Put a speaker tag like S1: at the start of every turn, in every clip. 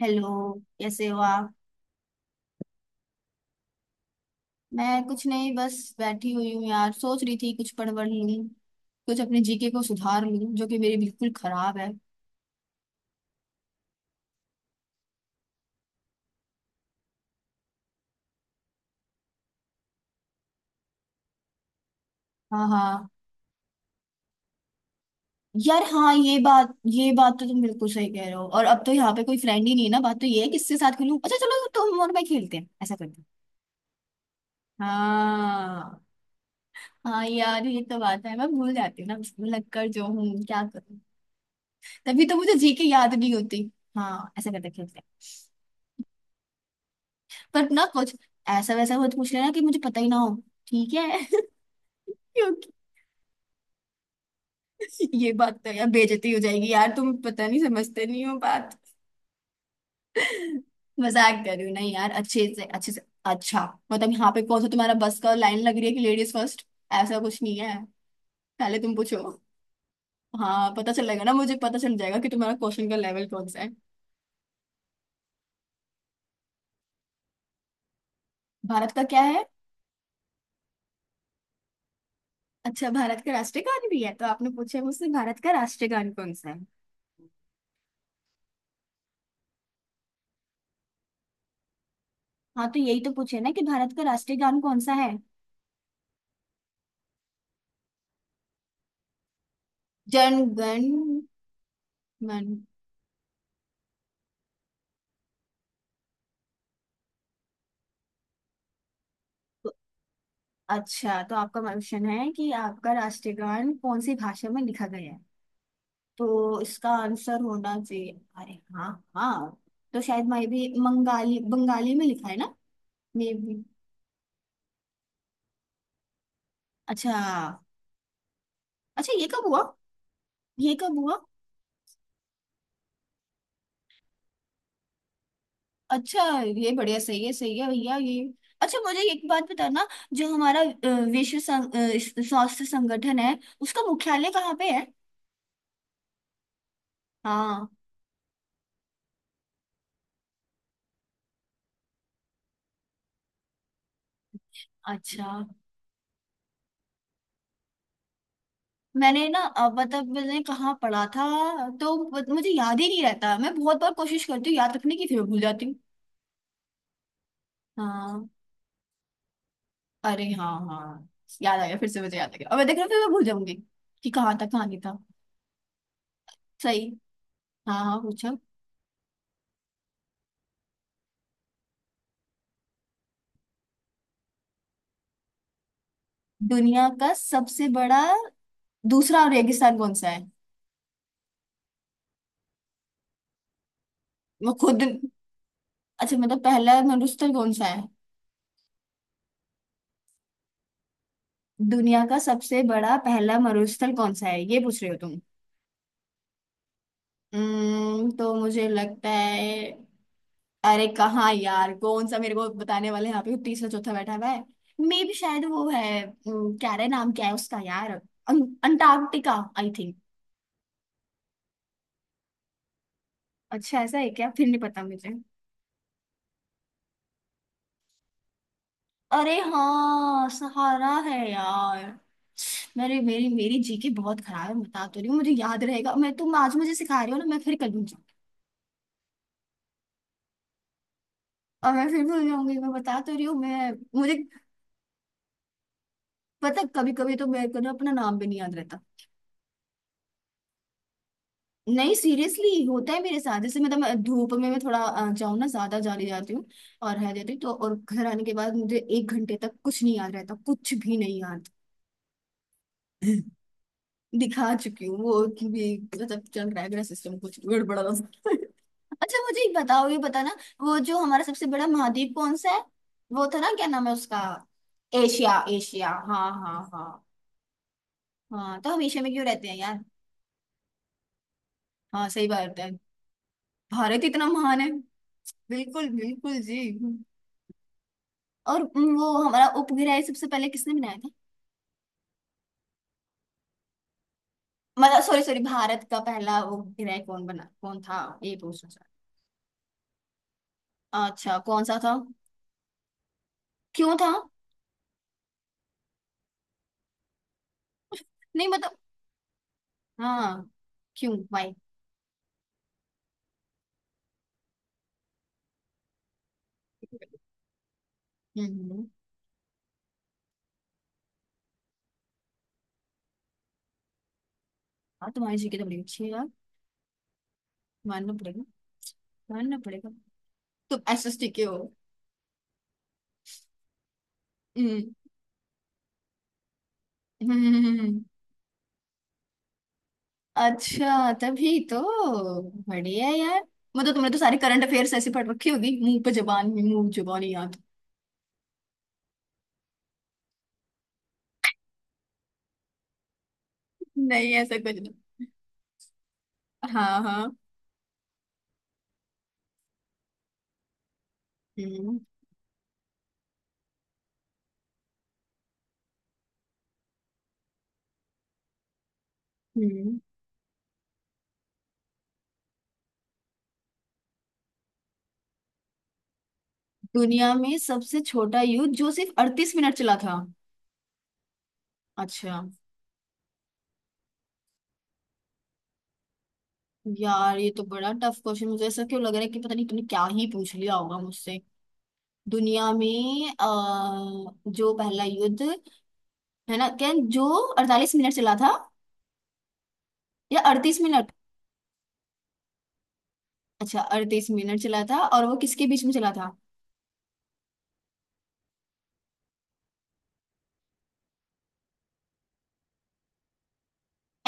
S1: Hello. कैसे हो आप। मैं कुछ नहीं, बस बैठी हुई हूँ यार। सोच रही थी कुछ पढ़ वढ़ लूँ। कुछ अपने जीके को सुधार लूँ, जो कि मेरी बिल्कुल खराब है। हाँ हाँ। यार हाँ, ये बात तो तुम बिल्कुल सही कह रहे हो। और अब तो यहाँ पे कोई फ्रेंड ही नहीं है ना, बात तो ये है किससे साथ खेलूँ। अच्छा चलो, तुम और मैं खेलते हैं। ऐसा करते हैं। हाँ हाँ। यार ये तो बात है, मैं भूल जाती हूँ ना लग कर जो हूँ, क्या करूँ। तभी तो मुझे जीके याद नहीं होती। हाँ, ऐसा करते हैं, खेलते हैं। पर ना, कुछ ऐसा वैसा मत पूछ लेना कि मुझे पता ही ना हो। ठीक है। क्योंकि ये बात तो यार, बेइज्जती हो जाएगी यार। तुम पता नहीं समझते नहीं हो बात। मजाक कर रही हूँ। नहीं यार, अच्छे से अच्छे से। अच्छा, मतलब यहाँ पे कौन सा तुम्हारा बस का लाइन लग रही है कि लेडीज फर्स्ट। ऐसा कुछ नहीं है, पहले तुम पूछो। हाँ, पता चलेगा ना, मुझे पता चल जाएगा कि तुम्हारा क्वेश्चन का लेवल कौन सा है। भारत का क्या है। अच्छा, भारत का राष्ट्रीय गान भी है तो आपने पूछा है मुझसे भारत का राष्ट्रीय गान कौन सा है। हाँ तो यही तो पूछे ना कि भारत का राष्ट्रीय गान कौन सा है। जनगण मन। अच्छा, तो आपका क्वेश्चन है कि आपका राष्ट्रीय गान कौन सी भाषा में लिखा गया है। तो इसका आंसर होना चाहिए, अरे हाँ। हाँ, तो शायद मैं भी बंगाली बंगाली में लिखा है ना। मे भी। अच्छा। अच्छा ये कब हुआ। ये कब हुआ। अच्छा, ये बढ़िया, सही है भैया ये। अच्छा मुझे एक बात बताना। जो हमारा विश्व स्वास्थ्य संगठन है उसका मुख्यालय कहाँ पे है। हाँ। अच्छा, मैंने ना मतलब मैंने कहाँ पढ़ा था, तो मुझे याद ही नहीं रहता। मैं बहुत बार कोशिश करती हूँ याद रखने की, फिर मैं भूल जाती हूँ। हाँ। अरे हाँ हाँ, याद आ गया। फिर से मुझे याद आ गया, और मैं देख रहा हूँ फिर मैं भूल जाऊंगी कि कहाँ था कहाँ नहीं था। सही। हाँ हाँ पूछो। दुनिया का सबसे बड़ा दूसरा रेगिस्तान कौन सा है। वो खुद। अच्छा, मतलब पहला मरुस्थल कौन सा है। दुनिया का सबसे बड़ा पहला मरुस्थल कौन सा है ये पूछ रहे हो तुम। तो मुझे लगता है। अरे कहाँ यार, कौन सा मेरे को बताने वाले हैं? यहाँ पे तीसरा चौथा बैठा हुआ है। मे भी शायद वो है, क्या रहे नाम क्या है उसका यार, अंटार्कटिका आई थिंक। अच्छा ऐसा है क्या, फिर नहीं पता मुझे। अरे हाँ, सहारा है यार। मेरी मेरी मेरी जीके बहुत खराब है, बता तो रही हूँ। मुझे याद रहेगा, मैं तुम आज मुझे सिखा रही हो ना, मैं फिर कर लूंगी। और मैं फिर भूल जाऊंगी, मैं बता तो रही हूँ मैं। मुझे पता, कभी कभी तो मेरे को ना अपना नाम भी नहीं याद रहता। नहीं सीरियसली होता है मेरे साथ। जैसे मतलब मैं धूप में मैं थोड़ा जाऊँ ना ज्यादा, जाली जाती हूँ और रह जाती हूँ, तो और घर आने के बाद मुझे 1 घंटे तक कुछ नहीं याद रहता, कुछ भी नहीं याद। दिखा चुकी हूँ, वो कि भी मतलब चल रहा है, मेरा सिस्टम कुछ गड़बड़ा रहा है। अच्छा मुझे एक बताओ, ये बताना, वो जो हमारा सबसे बड़ा महाद्वीप कौन सा है, वो था ना, क्या नाम है उसका। एशिया एशिया, हाँ हाँ हाँ। हाँ तो हम एशिया में क्यों रहते हैं यार। हाँ सही बात है, भारत इतना महान है। बिल्कुल बिल्कुल जी। और वो हमारा उपग्रह सबसे पहले किसने बनाया था। मतलब सॉरी सॉरी, भारत का पहला उपग्रह कौन बना कौन था, ये पूछना चाह। अच्छा कौन सा था। क्यों था। नहीं मतलब, हाँ, क्यों वाई। हम्म। हाँ तुम्हारी जीके तो बड़ी अच्छी है यार, मानना पड़ेगा मानना पड़ेगा। तुम एसएसटी के हो। हम्म। हम्म। अच्छा तभी तो, बढ़िया यार। मतलब तुमने तो सारे करंट अफेयर्स ऐसे पढ़ रखी होगी, मुंह पे जबान में मुंह जुबानी याद। नहीं ऐसा कुछ नहीं। हाँ हाँ। हम्म। हम्म। दुनिया में सबसे छोटा युद्ध जो सिर्फ 38 मिनट चला था। अच्छा, यार ये तो बड़ा टफ क्वेश्चन, मुझे ऐसा क्यों लग रहा है कि पता नहीं तूने क्या ही पूछ लिया होगा मुझसे। दुनिया में जो पहला युद्ध है ना, क्या जो 48 मिनट चला था या 38 मिनट। अच्छा 38 मिनट चला था, और वो किसके बीच में चला था।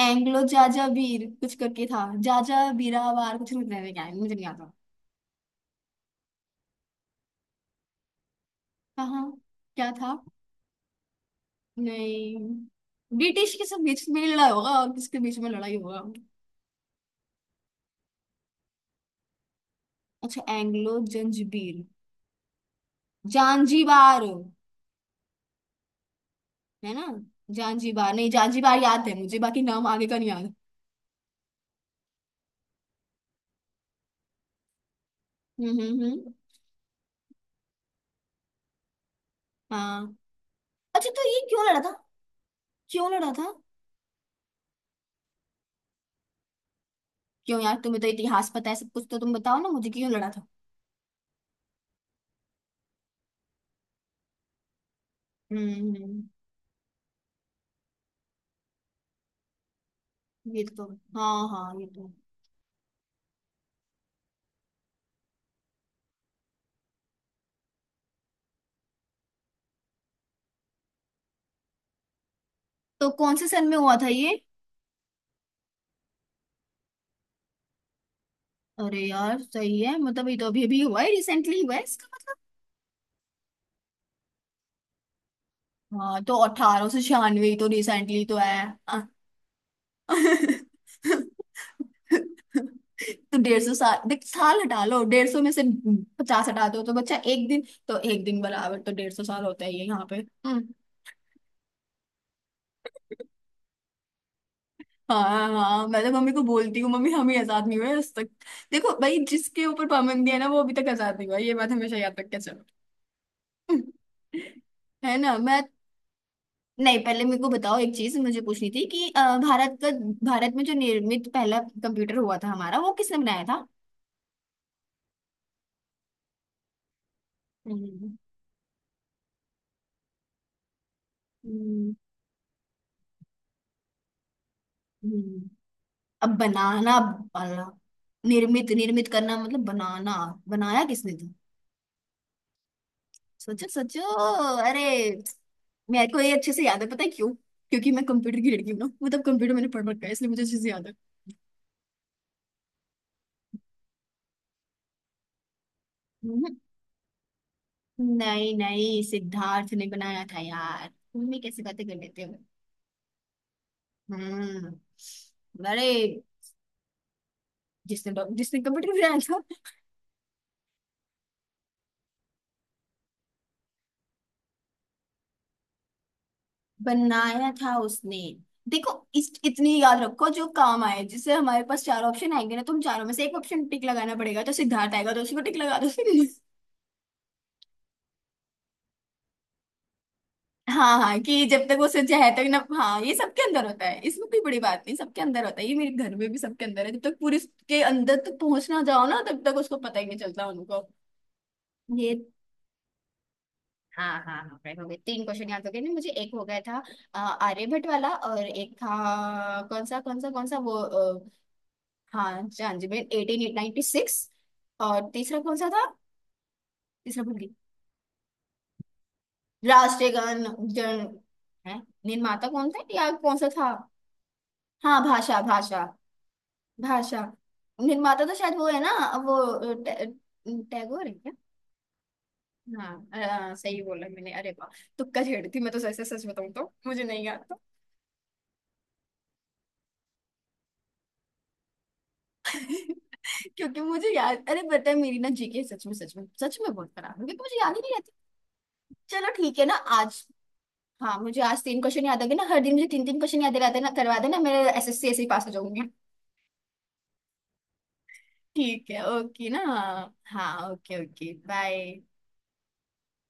S1: एंग्लो जाजा वीर कुछ करके था, जाजा बीरावार कुछ नहीं, क्या है, मुझे नहीं आता। कहाँ। क्या था। नहीं, ब्रिटिश के सब बीच में लड़ा होगा और किसके बीच में लड़ाई होगा। अच्छा एंग्लो जंजीबीर। जांजीबार है ना। जांजीबार नहीं, जांजीबार याद है मुझे, बाकी नाम आगे का नहीं याद। हम्म। हाँ। अच्छा तो ये क्यों लड़ा था। क्यों लड़ा था। क्यों यार तुम्हें तो इतिहास पता है सब कुछ, तो तुम बताओ ना मुझे क्यों लड़ा था। हम्म। हम्म, ये तो, हाँ हाँ ये तो। तो कौन से सन में हुआ था ये। अरे यार सही है, मतलब ये तो अभी अभी हुआ है, रिसेंटली हुआ है इसका मतलब। हाँ तो 1896 तो रिसेंटली तो है। अ- तो 150 साल, देख साल हटा लो 150 में से 50 हटा दो, तो बच्चा एक दिन, तो एक दिन बराबर तो 150 साल होता ही है यहाँ पे। हम्म। हाँ हाँ, मैं तो मम्मी को बोलती हूँ, मम्मी हम ही आजाद नहीं हुए आज तक। देखो भाई, जिसके ऊपर पाबंदी है ना वो अभी तक आजाद नहीं हुआ, ये बात हमेशा याद रख के चलो। है ना मैं। नहीं पहले मेरे को बताओ, एक चीज मुझे पूछनी थी कि भारत का, भारत में जो निर्मित पहला कंप्यूटर हुआ था हमारा, वो किसने बनाया था। हम्म, हम्म, हम्म। अब बनाना वाला, निर्मित, निर्मित करना मतलब बनाना, बनाया किसने था। सोचो सोचो अरे, मेरे को ये अच्छे से याद है, पता है क्यों, क्योंकि मैं कंप्यूटर की लड़की हूँ ना, मतलब कंप्यूटर मैंने पढ़ रखा है इसलिए मुझे अच्छे से याद है। हम्म, नहीं नहीं सिद्धार्थ ने बनाया था यार, तुम भी कैसी बातें कर लेते हो। हम्म, अरे जिसने कंप्यूटर बनाया था। बनाया था उसने। देखो इस इतनी याद रखो जो काम आए, जिससे हमारे पास चार ऑप्शन आएंगे ना, तो हम चारों में से एक ऑप्शन टिक लगाना पड़ेगा, तो सिद्धार्थ आएगा तो उसी को टिक लगा दो। हाँ हाँ, कि जब तक वो सच्चा है तक ना। हाँ ये सबके अंदर होता है, इसमें कोई बड़ी बात नहीं, सबके अंदर होता है, ये मेरे घर में भी सबके अंदर है, जब तक पूरे के अंदर तक पहुंच ना जाओ ना तब तक उसको पता ही नहीं चलता उनको। ये हाँ हाँ हाँ right, हो गए, तीन क्वेश्चन याद हो गए ना, मुझे एक हो गया था आर्यभट्ट वाला, और एक था कौन सा, कौन सा कौन सा वो हाँ जांजमेर 1896। और तीसरा कौन सा था। तीसरा भूल गई। राष्ट्रीय गान, जन है, निर्माता कौन था या कौन सा था। हाँ भाषा भाषा। भाषा, निर्माता तो शायद वो है ना, वो टैगोर है क्या। हाँ सही बोला मैंने, अरे वाह। तुक्का छेड़ी थी मैं तो, सच सच बताऊं तो मुझे नहीं याद। क्योंकि मुझे याद, अरे पता है, मेरी ना जीके सच में सच में सच में बहुत खराब है, क्योंकि मुझे याद ही नहीं रहती। चलो ठीक है ना। आज, हाँ मुझे आज तीन क्वेश्चन याद आ गए ना, हर दिन मुझे तीन तीन क्वेश्चन याद रहते ना करवा देना, मेरे एसएससी ऐसे ही पास हो जाऊंगी। ठीक है, ओके ना। हाँ ओके ओके बाय।